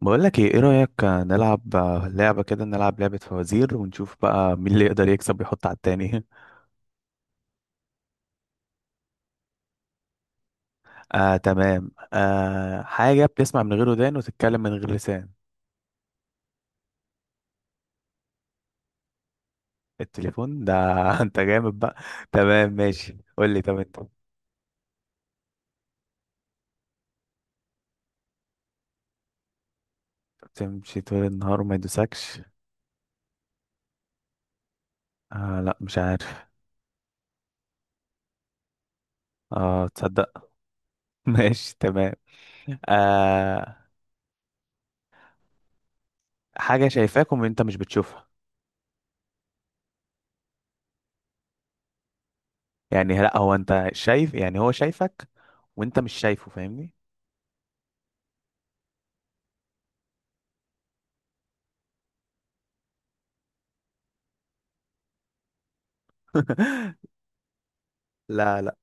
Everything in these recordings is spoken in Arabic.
بقول لك ايه ايه رأيك نلعب لعبة كده. نلعب لعبة فوازير ونشوف بقى مين اللي يقدر يكسب ويحط على التاني. تمام. آه، حاجة بتسمع من غير ودان وتتكلم من غير لسان. التليفون ده. انت جامد بقى. تمام ماشي، قول لي. طب انت بتمشي طول النهار وما يدوسكش. آه لا مش عارف. اه تصدق. ماشي تمام. آه، حاجة شايفاك وانت مش بتشوفها. يعني لا، هو انت شايف، يعني هو شايفك وانت مش شايفه، فاهمني؟ لا لا.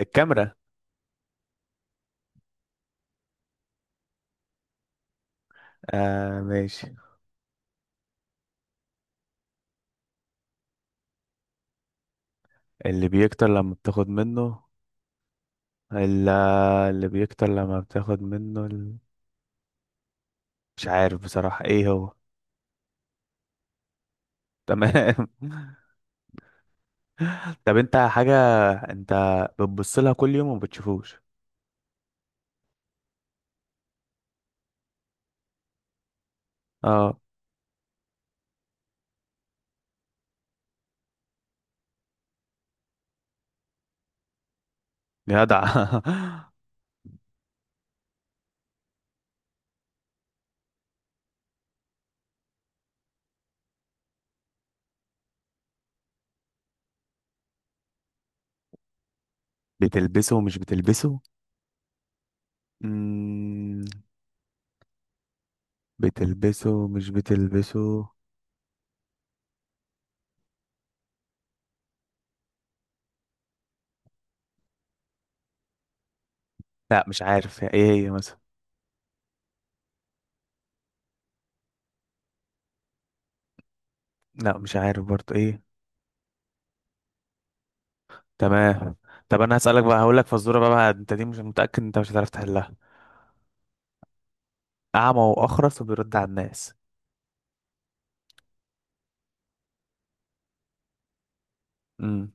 الكاميرا. آه ماشي. اللي بيكتر لما بتاخد منه. اللي, اللي بيكتر لما بتاخد منه ال... مش عارف بصراحة ايه هو. تمام. طب انت حاجة، انت بتبص لها كل يوم وما بتشوفوش. اه جدع. بتلبسه ومش بتلبسه. مم... بتلبسه ومش بتلبسه. لا مش عارف ايه هي مثلا. لا مش عارف برضه ايه. تمام. طب انا هسألك بقى، هقول لك فزورة بقى، انت دي مش متأكد انت مش هتعرف تحلها. أعمى وأخرس وبيرد على الناس. مم.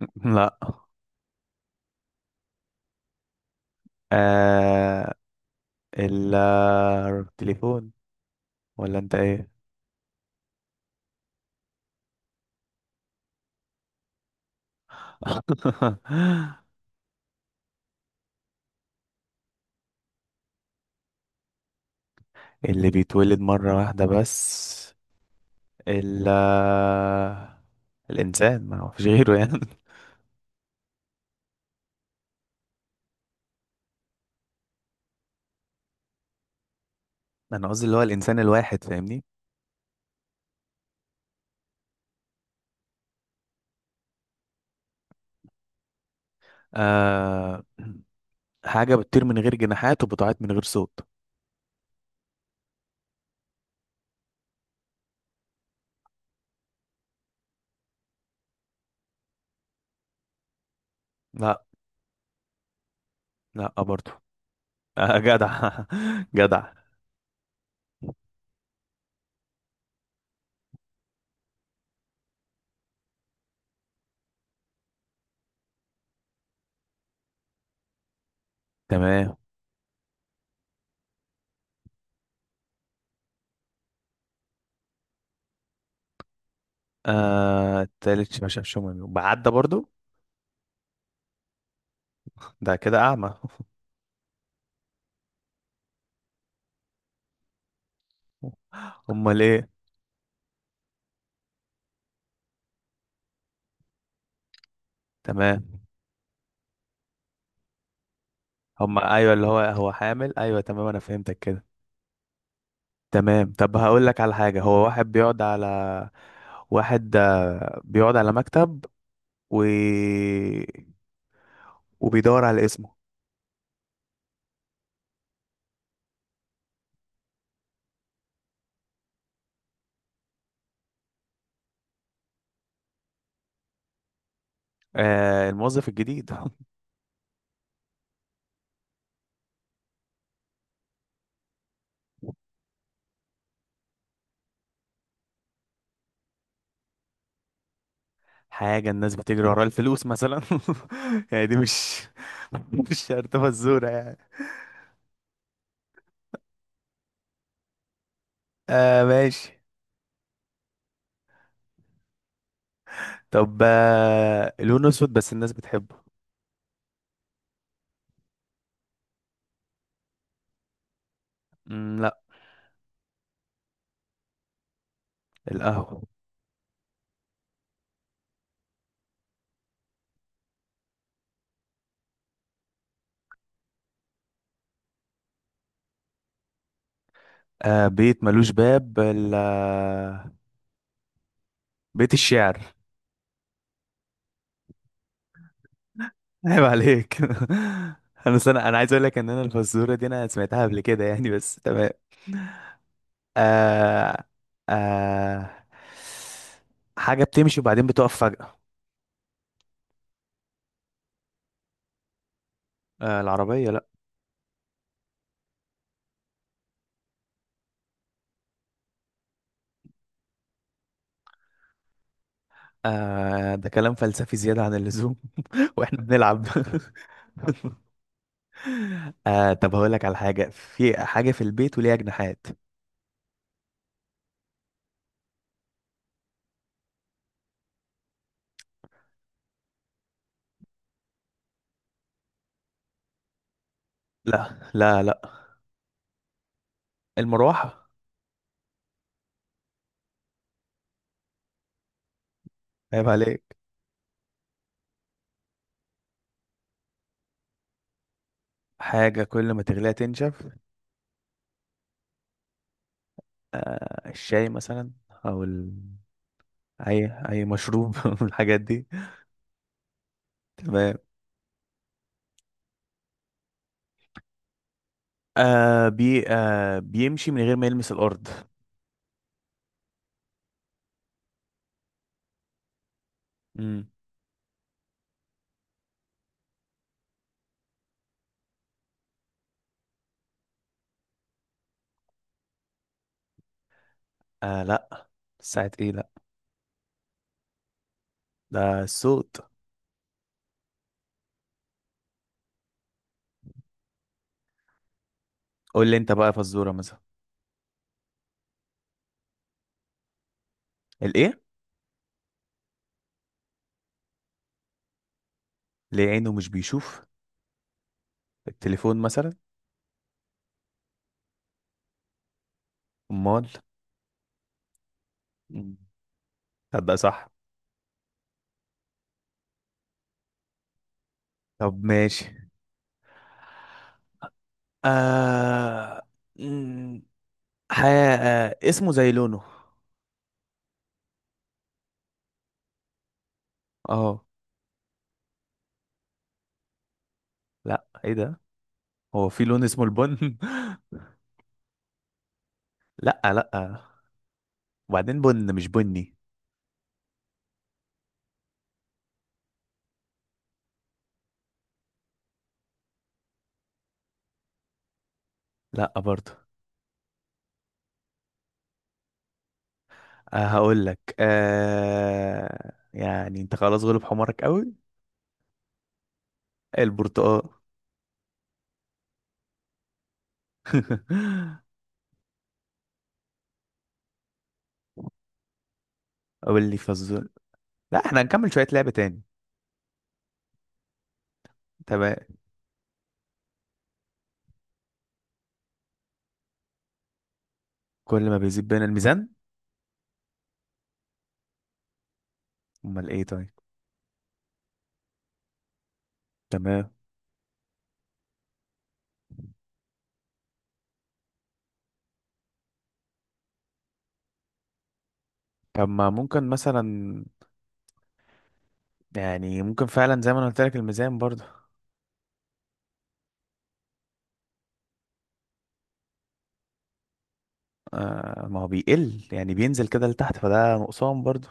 لا. آه ال- التليفون. ولا أنت إيه؟ اللي بيتولد مرة واحدة بس. ال الإنسان، ما هو فيش غيره يعني. أنا قصدي اللي هو الإنسان الواحد، فاهمني؟ آه، حاجة بتطير من غير جناحات وبتعيط من غير صوت. لا. لا برضو. آه جدع، جدع. تمام. آه التالت ما شافش امي وبعدى برضو. ده كده اعمى. امال ايه؟ تمام. هما ايوه، اللي هو هو حامل، ايوه تمام انا فهمتك كده. تمام. طب هقول لك على حاجه، هو واحد بيقعد على، واحد بيقعد على مكتب و... وبيدور على اسمه. آه الموظف الجديد. حاجة الناس بتجري ورا الفلوس مثلا. يعني دي مش، مش شرط فزورة يعني. آه ماشي. طب آه، لونه اسود بس الناس بتحبه. لا. القهوة. آه بيت ملوش باب. بيت الشعر. عيب عليك. انا سنة، انا عايز اقول لك ان انا الفزورة دي انا سمعتها قبل كده يعني، بس تمام. آه آه حاجة بتمشي وبعدين بتقف فجأة. آه العربية. لا. آه، ده كلام فلسفي زيادة عن اللزوم، واحنا بنلعب. آه طب هقول لك على حاجة، في حاجة في البيت وليها جناحات. لا لا لا. المروحة. عيب عليك. حاجة كل ما تغليها تنشف. آه الشاي مثلا، أو ال... أي أي مشروب، من الحاجات دي. تمام. آه بي آه بيمشي من غير ما يلمس الأرض. مم. آه لا. ساعة إيه، لا. ده الصوت. قول لي أنت بقى فزورة مثلا. الإيه؟ ليه عينه مش بيشوف؟ التليفون مثلا. امال. مم. تصدق صح. طب ماشي. آه... مم، حياة. آه... اسمه زي لونه. اه. لا ايه ده، هو في لون اسمه البن؟ لا لا. وبعدين بن مش بني. لا برضه. أه هقول لك، أه يعني انت خلاص غلب حمارك قوي. البرتقال. قول لي فزول. لا احنا هنكمل شوية لعبة تاني. تمام. كل ما بيزيد بين الميزان. امال ايه طيب. تمام. طب ما ممكن مثلا، يعني ممكن فعلا زي ما انا قلت لك الميزان برضه. آه ما هو بيقل يعني، بينزل كده لتحت، فده نقصان برضه.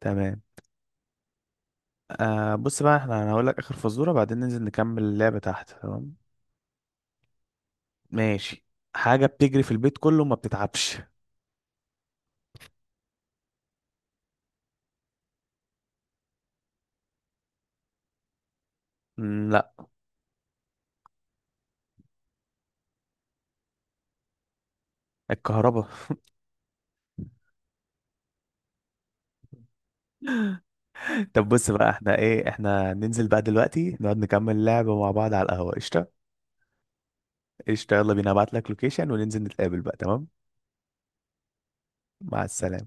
تمام. آه بص بقى احنا، انا هقول لك اخر فزوره بعدين ننزل نكمل اللعبه تحت تمام؟ ماشي. حاجه بتجري في البيت كله ما بتتعبش. لا. الكهرباء. طب بص بقى احنا ايه، احنا ننزل بقى دلوقتي نقعد نكمل اللعبة مع بعض على القهوة، قشطة؟ قشطة يلا بينا، ابعت لك لوكيشن وننزل نتقابل بقى تمام. مع السلامة.